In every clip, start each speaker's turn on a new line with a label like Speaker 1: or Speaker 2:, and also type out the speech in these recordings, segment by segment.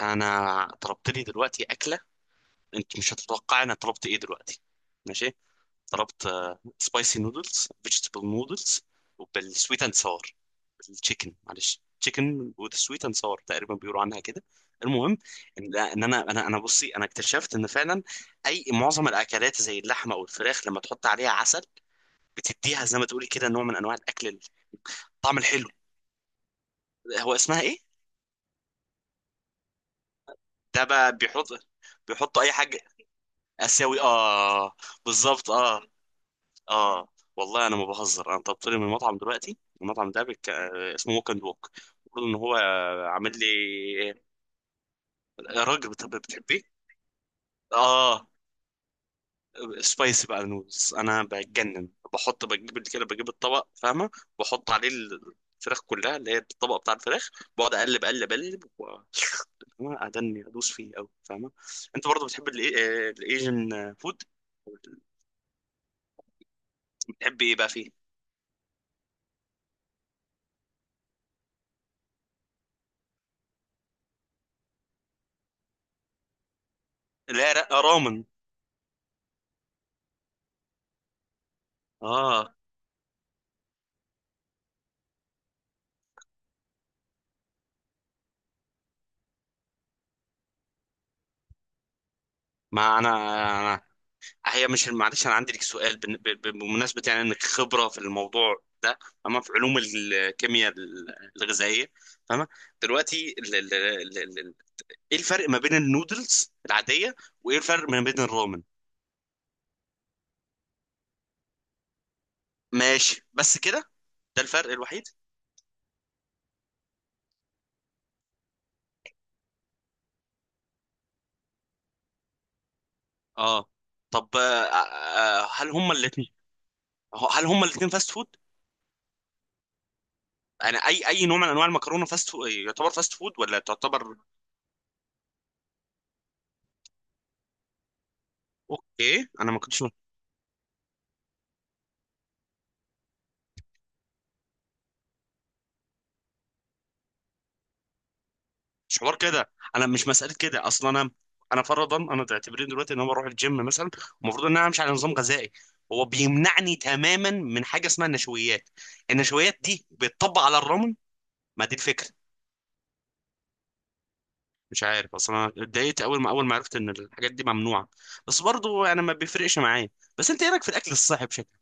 Speaker 1: انا طلبت لي دلوقتي اكله. انت مش هتتوقع انا طلبت ايه دلوقتي؟ ماشي. طلبت سبايسي نودلز فيجيتابل نودلز، وبالسويت اند ساور، بالتشيكن، معلش تشيكن وذ سويت اند ساور، تقريبا بيقولوا عنها كده. المهم إن انا بصي، انا اكتشفت ان فعلا اي معظم الاكلات زي اللحمه او الفراخ لما تحط عليها عسل بتديها زي ما تقولي كده نوع من انواع الاكل، الطعم الحلو. هو اسمها ايه؟ ده بقى بيحط، بيحطوا اي حاجه. اسيوي، اه. بالظبط، اه. اه. والله انا ما بهزر، انا طلبت لي من المطعم دلوقتي، المطعم ده بك... آه، اسمه ووك اند ووك. المفروض ان هو عامل لي. إيه؟ راجل بتحبيه. اه. سبايسي بقى نودلز، انا بتجنن، بحط بجيب كده، بجيب الطبق، فاهمه؟ بحط عليه الفراخ كلها، اللي هي الطبق بتاع الفراخ، بقعد اقلب اقلب اقلب، و... فاهمة؟ ادني ادوس فيه قوي، فاهمه. انت برضه بتحب الايجن فود؟ بتحب ايه بقى فيه؟ لا لا، رامن. اه. ما انا، هي مش، معلش انا عندي لك سؤال بمناسبه يعني انك خبره في الموضوع ده. اما في علوم الكيمياء الغذائيه، فاهمه، دلوقتي ايه الفرق ما بين النودلز العاديه، وايه الفرق ما بين الرامن؟ ماشي، بس كده؟ ده الفرق الوحيد؟ اه. طب، هل هما الاثنين، هل هما الاثنين فاست فود؟ انا اي نوع من انواع المكرونه فاست فود يعتبر فاست فود ولا تعتبر؟ اوكي، انا ما كنتش. مش حوار كده، انا مش مساله كده اصلا. انا انا فرضا انا تعتبرين دلوقتي ان انا بروح الجيم مثلا، المفروض ان انا امشي على نظام غذائي، هو بيمنعني تماما من حاجه اسمها النشويات. النشويات دي بتطبق على الرامن؟ ما دي الفكره. مش عارف، اصلا انا اتضايقت اول ما عرفت ان الحاجات دي ممنوعه، بس برضو انا ما بيفرقش معايا. بس انت ايه رايك في الاكل الصحي بشكل؟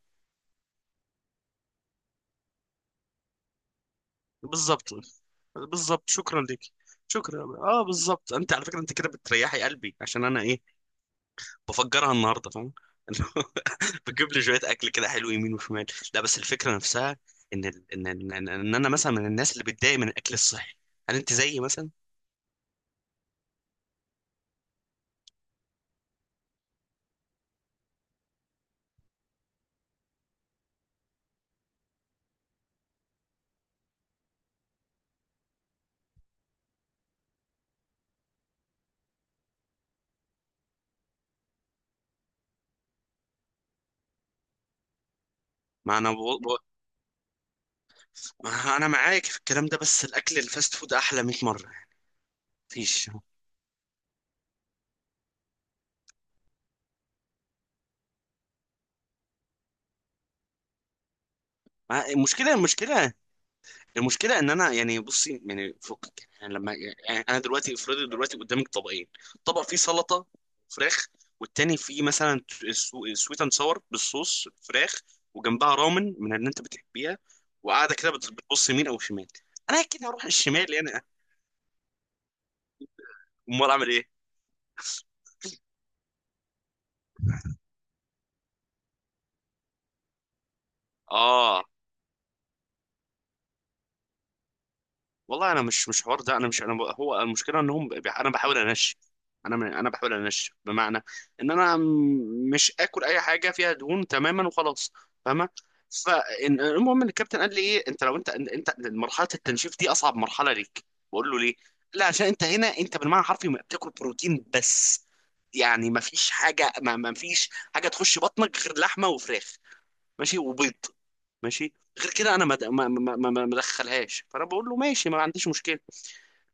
Speaker 1: بالظبط. بالظبط، شكرا لك. شكرا، اه، بالظبط. انت على فكره انت كده بتريحي قلبي، عشان انا ايه، بفجرها النهارده، فاهم؟ بجيب لي شويه اكل كده حلو يمين وشمال. لا، بس الفكره نفسها، ان ال... ان ان ان إن انا مثلا من الناس اللي بتضايق من الاكل الصحي. هل انت زيي مثلا؟ ما انا ب... ب... ما انا معاك في الكلام ده، بس الاكل الفاست فود احلى 100 مره، مفيش. ما- المشكله المشكله المشكله ان انا، يعني بصي يعني فوق، يعني لما، يعني انا دلوقتي افرضي دلوقتي قدامك طبقين، طبق فيه سلطه، فراخ، والتاني فيه مثلا سويت اند ساور بالصوص فراخ، وجنبها رامن من اللي انت بتحبيها، وقاعده كده بتبص يمين او شمال، انا اكيد هروح الشمال يعني. امال اعمل ايه؟ اه. والله انا مش حوار ده، انا مش، هو المشكله انهم انا بحاول انش، انا، انا بحاول انش بمعنى ان انا مش اكل اي حاجه فيها دهون تماما وخلاص، فاهمه. فالمهم ان الكابتن قال لي ايه، انت لو انت مرحله التنشيف دي اصعب مرحله ليك. بقول له ليه؟ لا، عشان انت هنا انت بالمعنى الحرفي ما بتاكل بروتين بس، يعني ما فيش حاجه تخش بطنك غير لحمه وفراخ، ماشي، وبيض، ماشي. غير كده انا ما ادخلهاش، فانا بقول له ماشي، ما عنديش مشكله.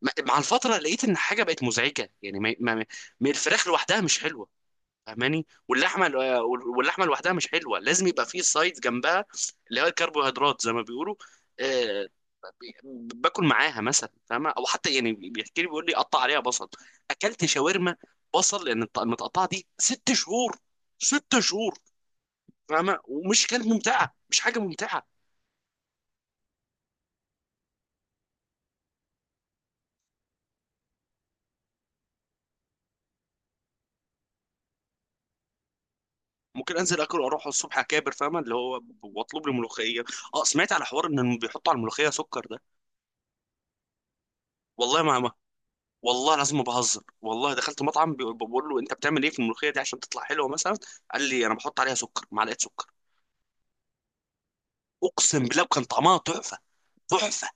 Speaker 1: مع الفترة لقيت إن حاجة بقت مزعجة، يعني، ما الفراخ لوحدها مش حلوة، فاهماني، واللحمة لوحدها مش حلوة، لازم يبقى فيه سايد جنبها، اللي هو الكربوهيدرات زي ما بيقولوا. آه، باكل معاها مثلا، فاهمة، أو حتى يعني بيحكي لي، بيقول لي قطع عليها بصل. أكلت شاورما، بصل، لأن المتقطعة دي ست شهور، ست شهور، فاهمة، ومش كانت ممتعة، مش حاجة ممتعة. ممكن انزل اكل واروح الصبح اكابر، فاهمه، اللي هو واطلب لي ملوخيه. اه، سمعت على حوار ان بيحطوا على الملوخيه سكر ده. والله ما ما والله، لازم ما بهزر، والله دخلت مطعم، بقول له انت بتعمل ايه في الملوخيه دي عشان تطلع حلوه مثلا، قال لي انا بحط عليها سكر، معلقه سكر. اقسم بالله كان طعمها تحفه، تحفه،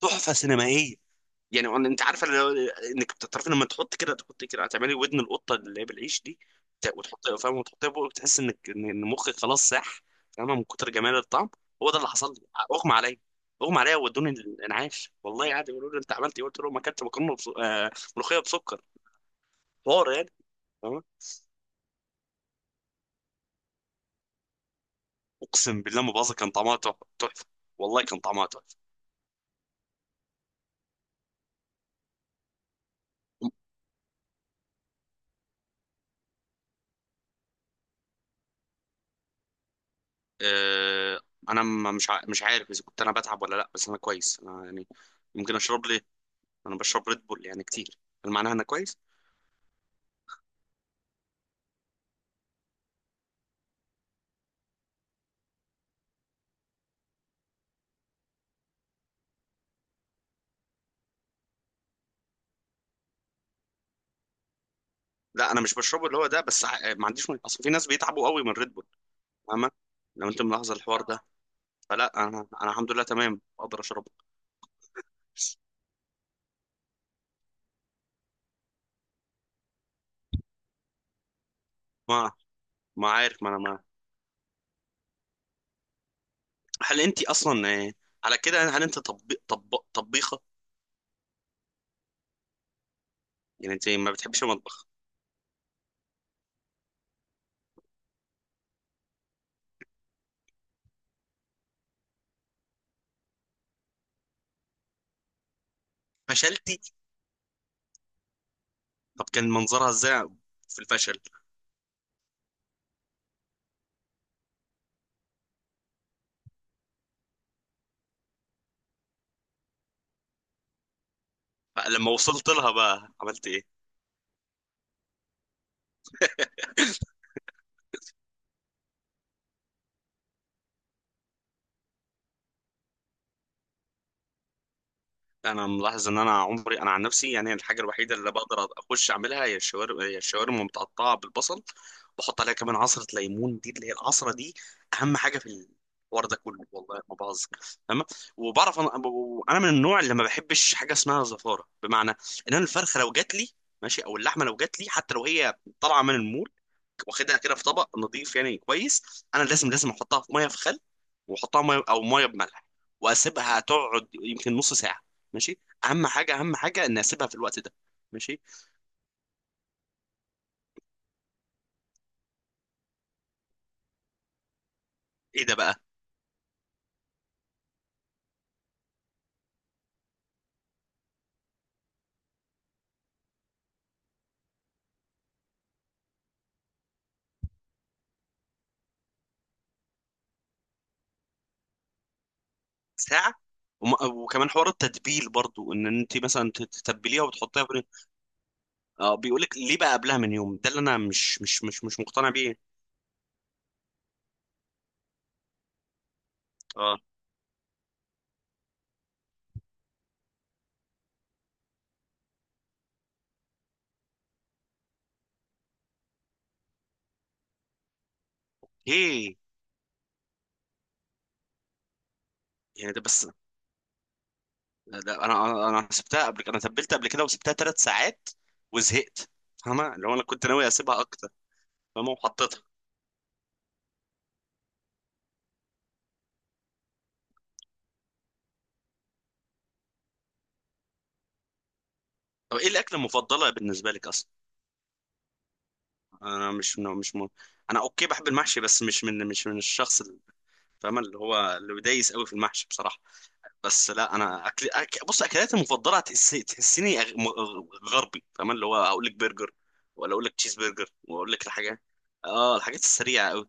Speaker 1: تحفه سينمائيه، يعني. انت عارفه اللي هو، انك بتعرفي لما تحط كده تحط كده هتعملي ودن القطه اللي هي بالعيش دي، وتحط، فاهم، وتحطها فوق، بتحس انك إن مخك خلاص ساح، فاهمه، من كتر جمال الطعم. هو ده اللي حصل لي، اغمى عليا، اغمى عليا وودوني الانعاش، والله عادي، يقولوا لي انت عملت ايه، قلت لهم ما اكلت مكرونه، بس ملوخيه بسكر. حوار يعني. فاهمه، اقسم بالله ما بهزر، كان طعمها تحفه. والله كان طعمها تحفه. آه... انا مش عارف اذا كنت انا بتعب ولا لا، بس انا كويس، انا يعني. ممكن اشرب لي، انا بشرب ريد بول يعني كتير، هل معناها انا كويس؟ لا، انا مش بشربه اللي هو ده، بس ما عنديش اصل في ناس بيتعبوا قوي من ريد بول، فاهمه، لو انت ملاحظه الحوار ده. فلا، انا الحمد لله تمام، اقدر اشربه. ما ما عارف، ما انا ما هل انت اصلا، على كده، هل انت طبيخه، يعني انت ما بتحبش المطبخ؟ فشلتي؟ طب كان منظرها ازاي في الفشل؟ لما وصلت لها بقى عملت ايه؟ انا ملاحظ ان انا عمري، انا عن نفسي يعني، الحاجه الوحيده اللي بقدر اخش اعملها هي الشاورما متقطعه بالبصل، بحط عليها كمان عصره ليمون، دي اللي هي العصره دي اهم حاجه في الحوار ده كله، والله ما بهزر. تمام. وبعرف انا، انا من النوع اللي ما بحبش حاجه اسمها زفاره، بمعنى ان انا الفرخه لو جات لي، ماشي، او اللحمه لو جات لي، حتى لو هي طالعه من المول، واخدها كده في طبق نظيف، يعني كويس، انا لازم لازم احطها في ميه في خل، واحطها ميه او ميه بملح، واسيبها تقعد يمكن نص ساعه، ماشي، اهم حاجه اهم حاجه ان اسيبها في الوقت ده، ماشي. ايه ده بقى؟ ساعه؟ وم- وكمان حوار التتبيل برضو، ان انت مثلا تتبليها وتحطيها في. اه، بيقول لك ليه بقى قبلها من يوم، ده اللي انا مش مقتنع بيه. اه. ايه؟ يعني ده بس؟ ده انا انا سبتها قبل، انا تبلت قبل كده وسبتها ثلاث ساعات وزهقت، فاهمة، لو انا كنت ناوي اسيبها اكتر. فمو حطيتها. طب ايه الاكله المفضله بالنسبه لك اصلا؟ انا مش مش م... انا اوكي بحب المحشي، بس مش من الشخص اللي، فاهم، اللي هو اللي بيدايس قوي في المحشي بصراحه. بس لا، انا اكل بص اكلاتي المفضله تحسيني غربي، فاهم، اللي هو اقول لك برجر ولا اقول لك تشيز برجر واقول لك الحاجات. اه، الحاجات السريعه قوي.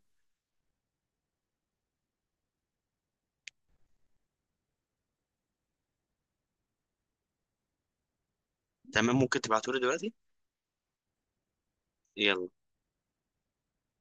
Speaker 1: تمام، ممكن تبعتولي دلوقتي. يلا.